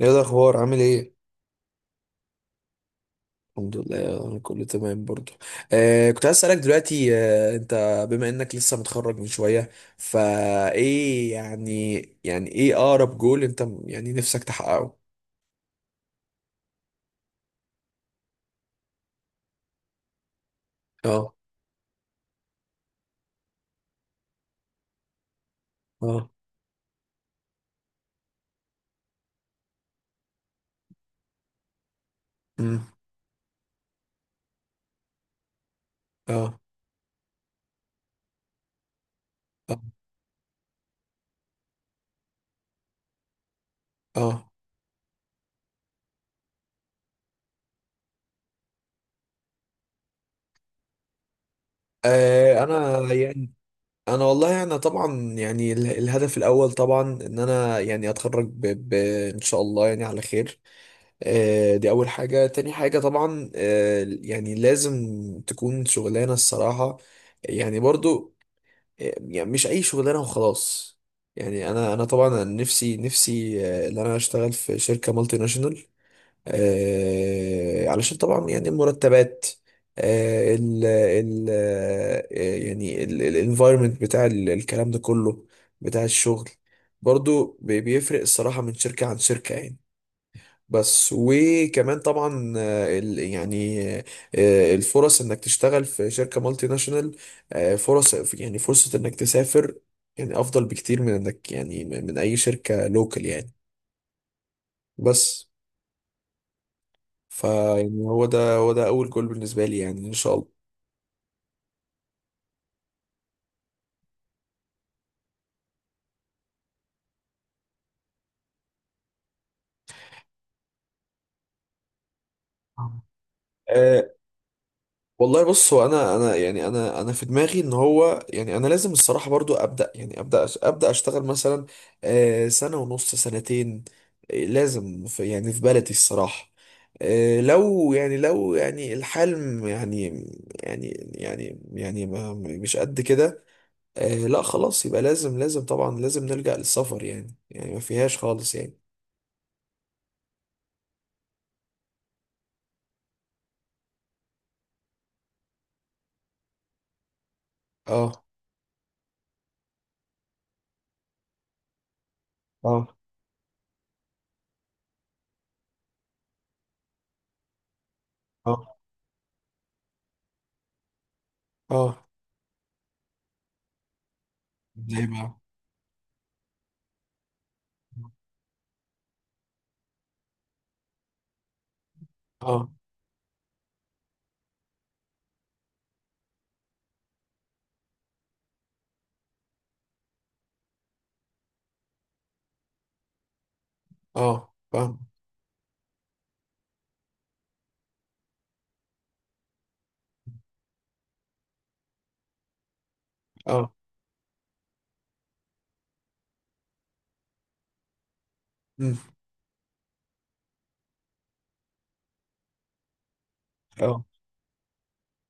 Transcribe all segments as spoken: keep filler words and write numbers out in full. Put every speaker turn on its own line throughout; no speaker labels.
ايه الاخبار؟ عامل ايه؟ الحمد لله، انا كله تمام برضو. آه كنت عايز اسالك دلوقتي، آه انت بما انك لسه متخرج من شويه، فايه يعني؟ يعني ايه اقرب جول انت م- يعني نفسك تحققه؟ اه، اه، امم اه، اه، اه. آه، انا يعني، انا والله انا طبعا، يعني ال- الهدف الاول طبعا ان انا يعني اتخرج ب... ب... ان شاء الله يعني على خير. آه، دي أول حاجة. تاني حاجة طبعا، آه، يعني لازم تكون شغلانة الصراحة، يعني برضو، آه، يعني مش أي شغلانة وخلاص. يعني أنا أنا طبعا نفسي نفسي، آه، إن أنا أشتغل في شركة مالتي ناشونال، آه، علشان طبعا يعني المرتبات، آه، ال ال آه، يعني الانفايرمنت بتاع ال- الكلام ده كله، بتاع الشغل، برضو بي- بيفرق الصراحة من شركة عن شركة يعني. بس وكمان طبعا، آه، ال- يعني، آه، الفرص انك تشتغل في شركة مالتي ناشونال، آه، فرص، يعني فرصة انك تسافر، يعني افضل بكتير من انك يعني من من اي شركة لوكال يعني، بس. فيعني هو ده هو ده اول جول بالنسبة لي، يعني ان شاء الله. آه. والله بص، هو انا انا يعني انا انا في دماغي ان هو، يعني انا لازم الصراحه برضو ابدا، يعني ابدا أش- ابدا اشتغل مثلا آه، سنه ونص، سنتين، آه، لازم في، يعني في بلدي الصراحه. آه، لو يعني لو يعني الحلم يعني، يعني، يعني يعني ما مش قد كده، آه، لا خلاص يبقى لازم لازم طبعا لازم نلجأ للسفر يعني، يعني ما فيهاش خالص يعني. اه، اه، اه، اه، زي ما، اه، اه فاهم، اه، مم، اه.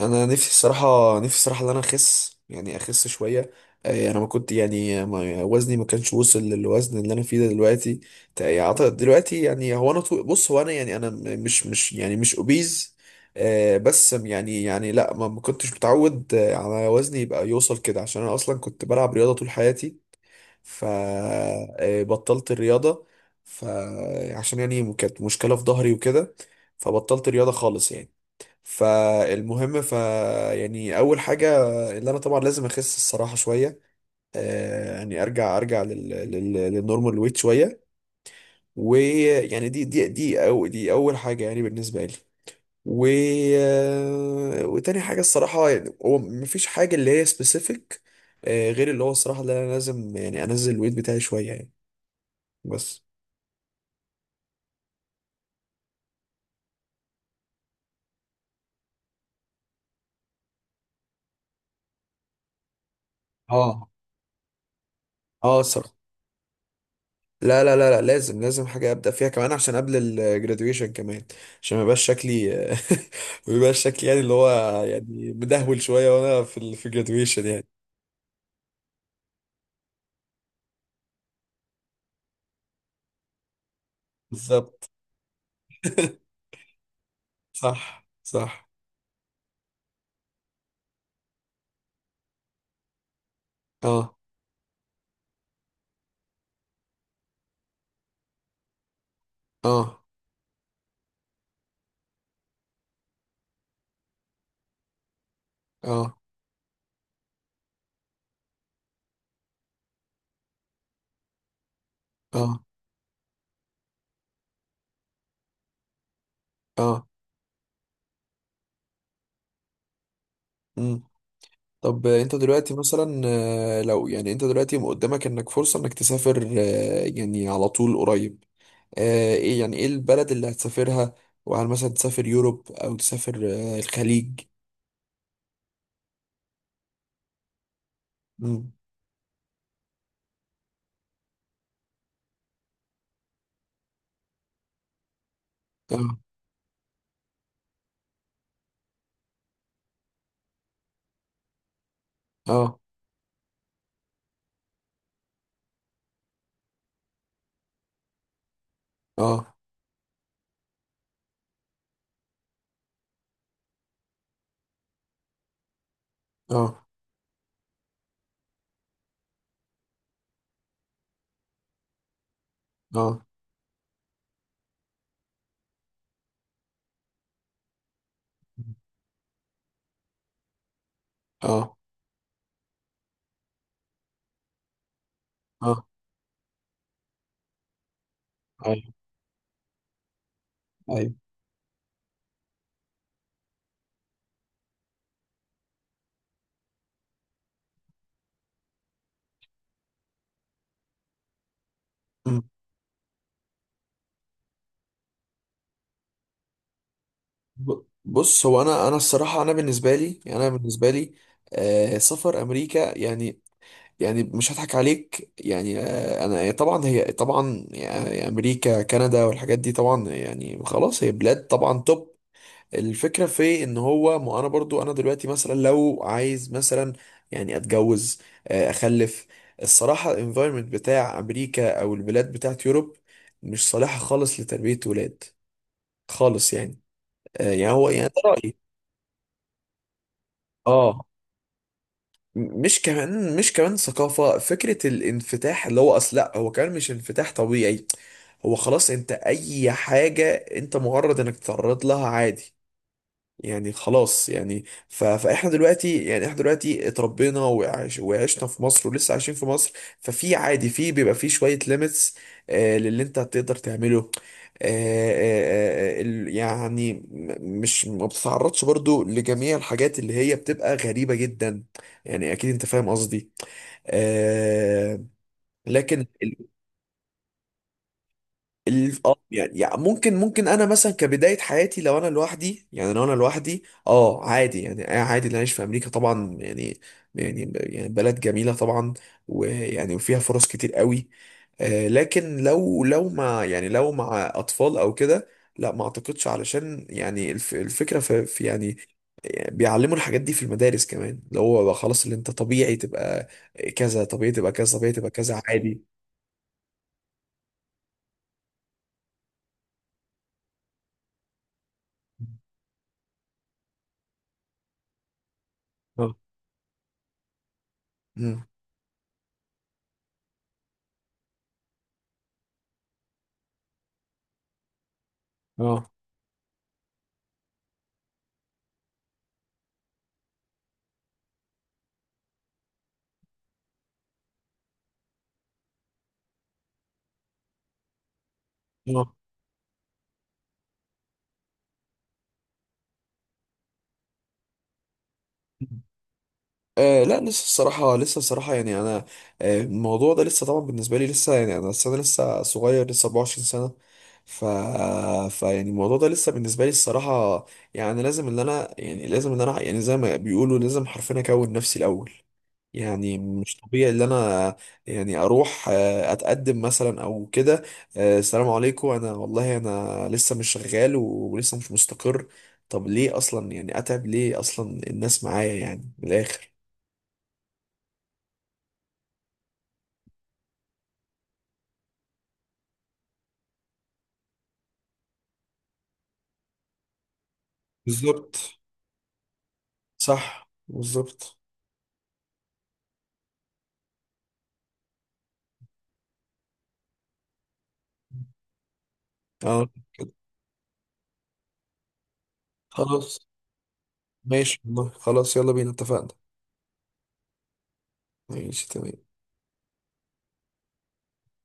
انا نفسي الصراحه نفسي الصراحه ان انا اخس، يعني اخس شويه. آه، انا ما كنت يعني، ما وزني ما كانش وصل للوزن اللي انا فيه ده دلوقتي. تق- أعتقد دلوقتي يعني، هو انا طو- بص هو انا يعني انا م- مش مش يعني مش اوبيز، بس يعني يعني لا ما ما كنتش متعود، آه، على وزني يبقى يوصل كده، عشان انا اصلا كنت بلعب رياضه طول حياتي، فبطلت الرياضه، فعشان يعني كانت مشكله في ظهري وكده، فبطلت رياضه خالص يعني. فالمهم، ف، يعني اول حاجه اللي انا طبعا لازم اخس الصراحه شويه. آه، يعني ارجع ارجع لل... لل... للنورمال ويت شويه. ويعني دي دي دي او دي اول حاجه يعني بالنسبه لي، و، آه، وتاني حاجه الصراحه يعني، هو مفيش حاجه اللي هي سبيسيفيك، غير اللي هو الصراحه اللي انا لازم، يعني انزل الويت بتاعي شويه يعني، بس. اه، اه، لا لا لا لا، لازم لازم حاجة أبدأ فيها كمان، عشان قبل الجراديويشن كمان، عشان ما يبقاش شكلي ما يبقاش شكلي يعني اللي هو، يعني مدهول شوية وأنا في ال في الجراديويشن يعني. بالظبط. صح، صح. اه، اه، اه، اه، اه، مم. طب انت دلوقتي مثلا، آه، لو يعني انت دلوقتي قدامك انك فرصة انك تسافر، آه، يعني على طول قريب، آه، ايه يعني ايه البلد اللي هتسافرها؟ وهل مثلا تسافر يوروب او تسافر آه، الخليج؟ مم. اه، اه، اه، اه، اه، اه، اه، ايوه، ايوه. أمم. ب- بص، هو انا انا الصراحه، انا بالنسبه لي، انا بالنسبه لي، آه سفر امريكا يعني، يعني مش هضحك عليك يعني، آه انا طبعا، هي طبعا يعني امريكا كندا والحاجات دي طبعا، يعني خلاص هي بلاد طبعا توب. الفكرة في ان هو، ما انا برضو انا دلوقتي مثلا لو عايز مثلا يعني اتجوز، آه، اخلف، الصراحة الانفايرمنت بتاع امريكا او البلاد بتاعت يوروب مش صالحة خالص لتربية ولاد خالص يعني. آه، يعني هو يعني ده رأيي. اه، م- مش كمان، مش كمان ثقافة، فكرة الانفتاح اللي هو اصل، لا هو كمان مش انفتاح طبيعي، هو خلاص انت اي حاجة انت مجرد انك تتعرض لها عادي يعني خلاص يعني ف... فاحنا دلوقتي يعني احنا دلوقتي اتربينا وعش... وعشنا في مصر، ولسه عايشين في مصر. ففي عادي، في بيبقى في شوية ليميتس، آه للي انت هتقدر تعمله. آه آه آه ال- يعني، م- مش، ما بتتعرضش برضو لجميع الحاجات اللي هي بتبقى غريبة جدا يعني، اكيد انت فاهم قصدي. آه. لكن، ال- اه يعني يعني، ممكن ممكن انا مثلا كبدايه حياتي لو انا لوحدي، يعني لو انا لوحدي، اه عادي يعني، آه عادي اللي اعيش في امريكا طبعا يعني، يعني، يعني بلد جميله طبعا، ويعني وفيها فرص كتير قوي. آه لكن لو، لو مع يعني لو مع اطفال او كده، لا ما اعتقدش، علشان يعني الف الفكره في, في يعني بيعلموا الحاجات دي في المدارس كمان، اللي هو بقى خلاص اللي انت طبيعي تبقى كذا، طبيعي تبقى كذا، طبيعي تبقى كذا عادي. اه، مم. اه، اه، آه لا، لسه الصراحة، لسه الصراحة يعني أنا، آه الموضوع ده لسه طبعا بالنسبة لي، لسه يعني أنا أصل أنا لسه صغير، لسه أربعة وعشرين سنة. ف، فيعني الموضوع ده لسه بالنسبة لي الصراحة، يعني لازم إن أنا، يعني لازم إن أنا، يعني زي ما بيقولوا لازم حرفيا أكون نفسي الأول. يعني مش طبيعي ان انا يعني اروح آه، اتقدم مثلا او كده، آه السلام عليكم، انا والله انا لسه مش شغال ولسه مش مستقر. طب ليه اصلا يعني اتعب ليه اصلا الناس معايا يعني، من الاخر. بالظبط. صح، بالظبط. اه كده، خلاص، ماشي والله، خلاص يلا بينا اتفقنا. ماشي تمام.